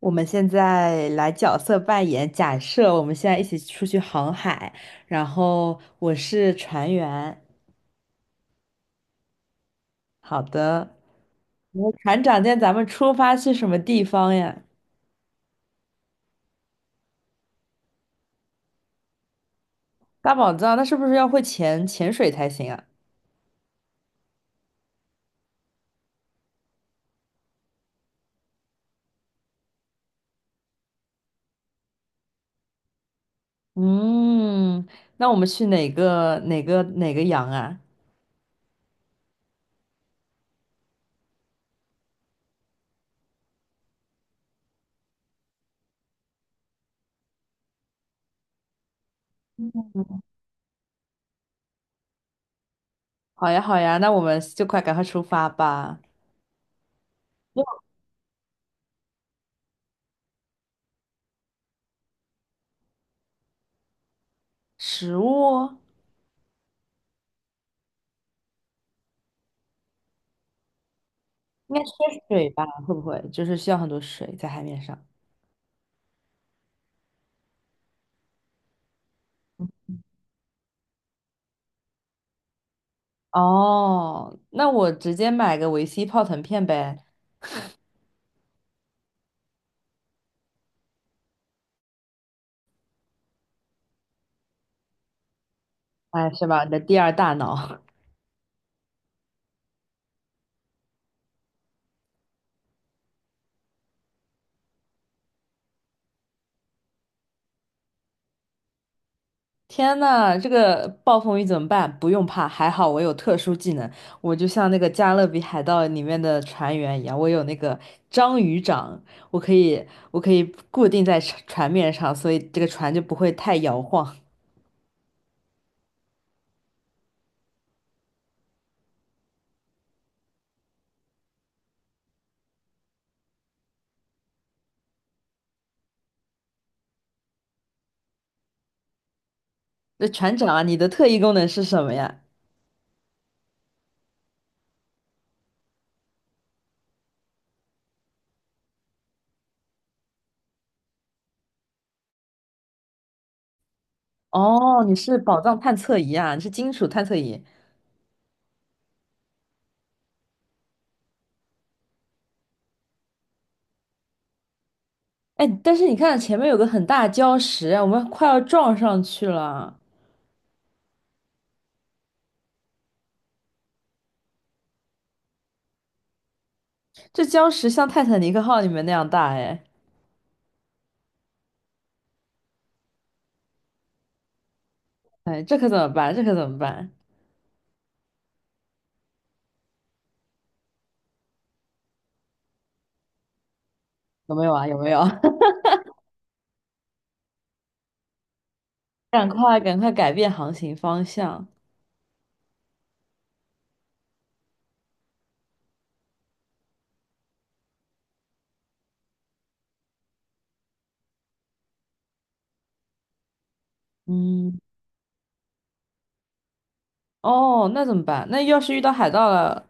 我们现在来角色扮演，假设我们现在一起出去航海，然后我是船员。好的，我船长，今天咱们出发去什么地方呀？大宝藏，那是不是要会潜水才行啊？嗯，那我们去哪个洋啊？好呀好呀，那我们就快赶快出发吧。食物应该缺水吧？会不会就是需要很多水在海面上？哦，那我直接买个维 C 泡腾片呗，哎，是吧？你的第二大脑。天呐，这个暴风雨怎么办？不用怕，还好我有特殊技能，我就像那个《加勒比海盗》里面的船员一样，我有那个章鱼掌，我可以，我可以固定在船面上，所以这个船就不会太摇晃。那船长啊，你的特异功能是什么呀？哦，你是宝藏探测仪啊，你是金属探测仪。哎，但是你看前面有个很大的礁石啊，我们快要撞上去了。这礁石像泰坦尼克号里面那样大，哎，哎，这可怎么办？这可怎么办？有没有啊？有没有？赶快，赶快改变航行方向。嗯，哦，那怎么办？那要是遇到海盗了，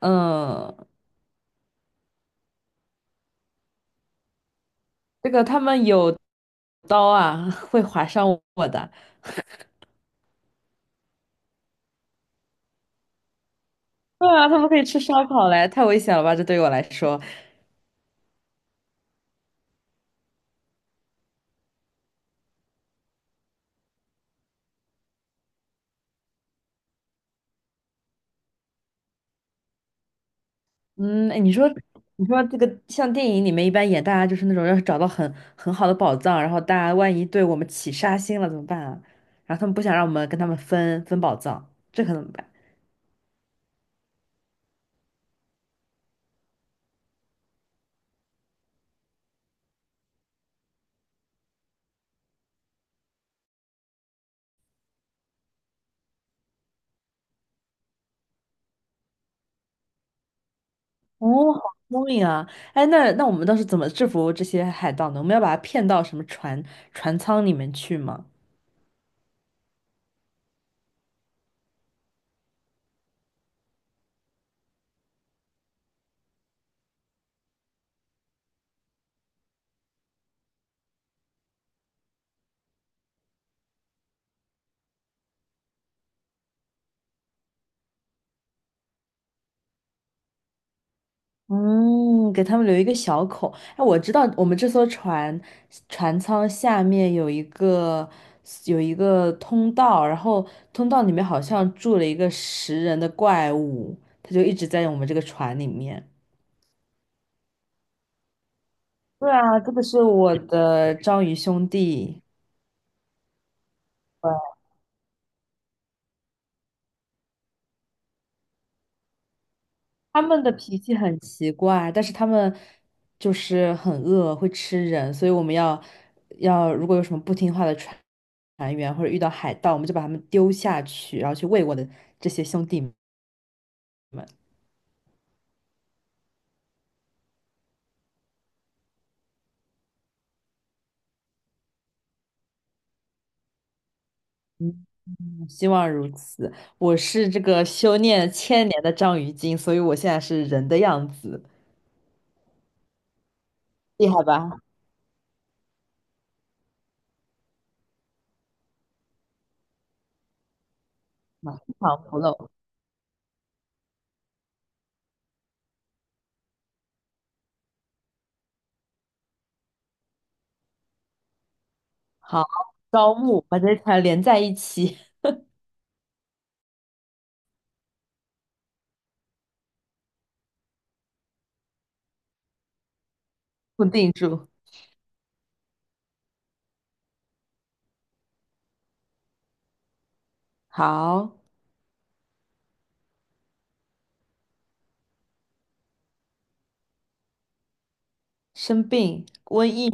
嗯，这个他们有刀啊，会划伤我的。对啊，他们可以吃烧烤嘞，太危险了吧？这对于我来说。嗯，哎，你说，你说这个像电影里面一般演，大家就是那种要是找到很好的宝藏，然后大家万一对我们起杀心了怎么办啊？然后他们不想让我们跟他们分宝藏，这可怎么办？哦，好聪明啊！哎，那那我们当时怎么制服这些海盗呢？我们要把他骗到什么船舱里面去吗？嗯，给他们留一个小口。哎，我知道我们这艘船舱下面有一个有一个通道，然后通道里面好像住了一个食人的怪物，它就一直在我们这个船里面。对啊，这个是我的章鱼兄弟。他们的脾气很奇怪，但是他们就是很饿，会吃人，所以我们要如果有什么不听话的船员或者遇到海盗，我们就把他们丢下去，然后去喂我的这些兄弟们。嗯，希望如此。我是这个修炼千年的章鱼精，所以我现在是人的样子，厉害吧？马场不漏。好，招募把这些船连在一起，固定住。好，生病，瘟疫。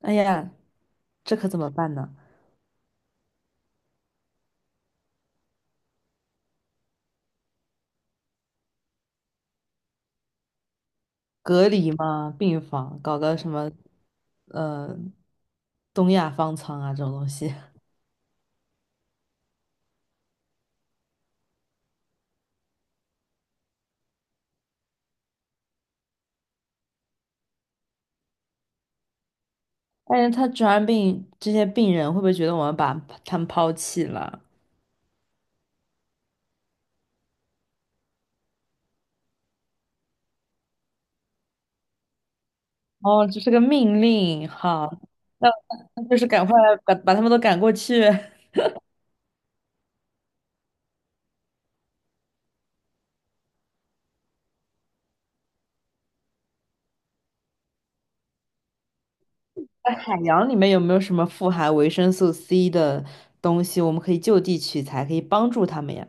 哎呀，这可怎么办呢？隔离嘛，病房搞个什么，呃，东亚方舱啊这种东西。但是他传染病，这些病人会不会觉得我们把他们抛弃了？哦，这是个命令，哈，那我们就是赶快把他们都赶过去。在海洋里面有没有什么富含维生素 C 的东西，我们可以就地取材，可以帮助他们呀？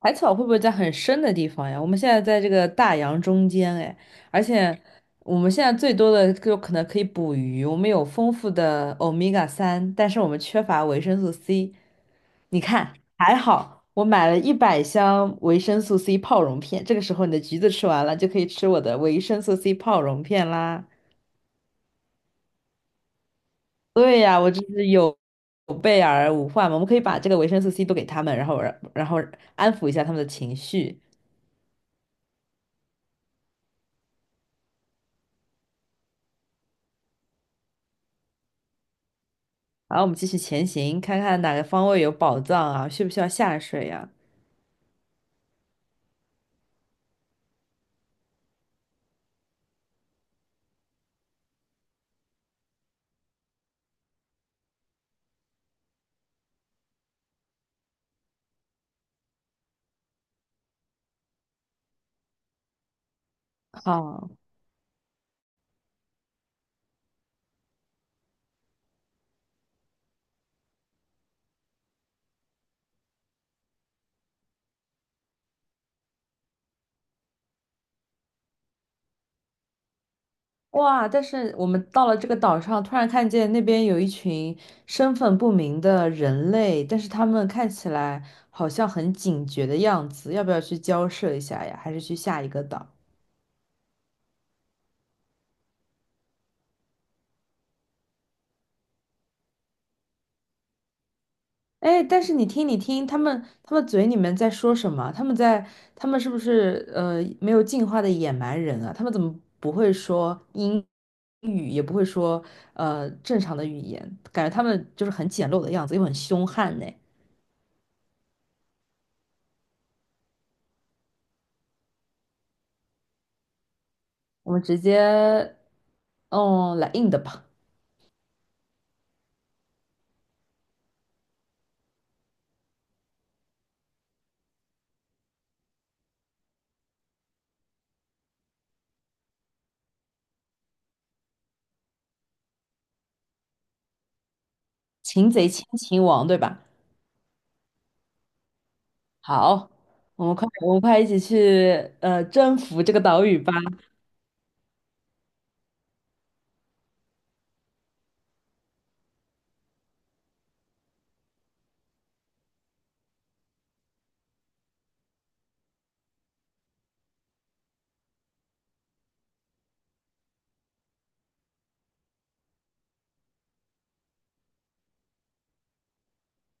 海草会不会在很深的地方呀？我们现在在这个大洋中间，哎，而且我们现在最多的就可能可以捕鱼，我们有丰富的欧米伽三，但是我们缺乏维生素 C。你看，还好我买了100箱维生素 C 泡溶片，这个时候你的橘子吃完了，就可以吃我的维生素 C 泡溶片啦。对呀，我这是有备而无患嘛，我们可以把这个维生素 C 都给他们，然后然后安抚一下他们的情绪。好，我们继续前行，看看哪个方位有宝藏啊？需不需要下水呀、好，哇！但是我们到了这个岛上，突然看见那边有一群身份不明的人类，但是他们看起来好像很警觉的样子，要不要去交涉一下呀？还是去下一个岛？哎，但是你听，你听，他们嘴里面在说什么？他们是不是没有进化的野蛮人啊？他们怎么不会说英语，也不会说正常的语言？感觉他们就是很简陋的样子，又很凶悍呢。我们直接嗯来硬的吧，擒贼先擒王，对吧？好，我们快我们快一起去征服这个岛屿吧。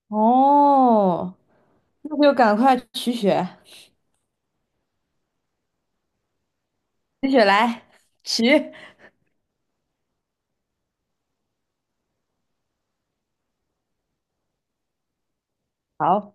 哦，那就赶快取血。继续来，起好。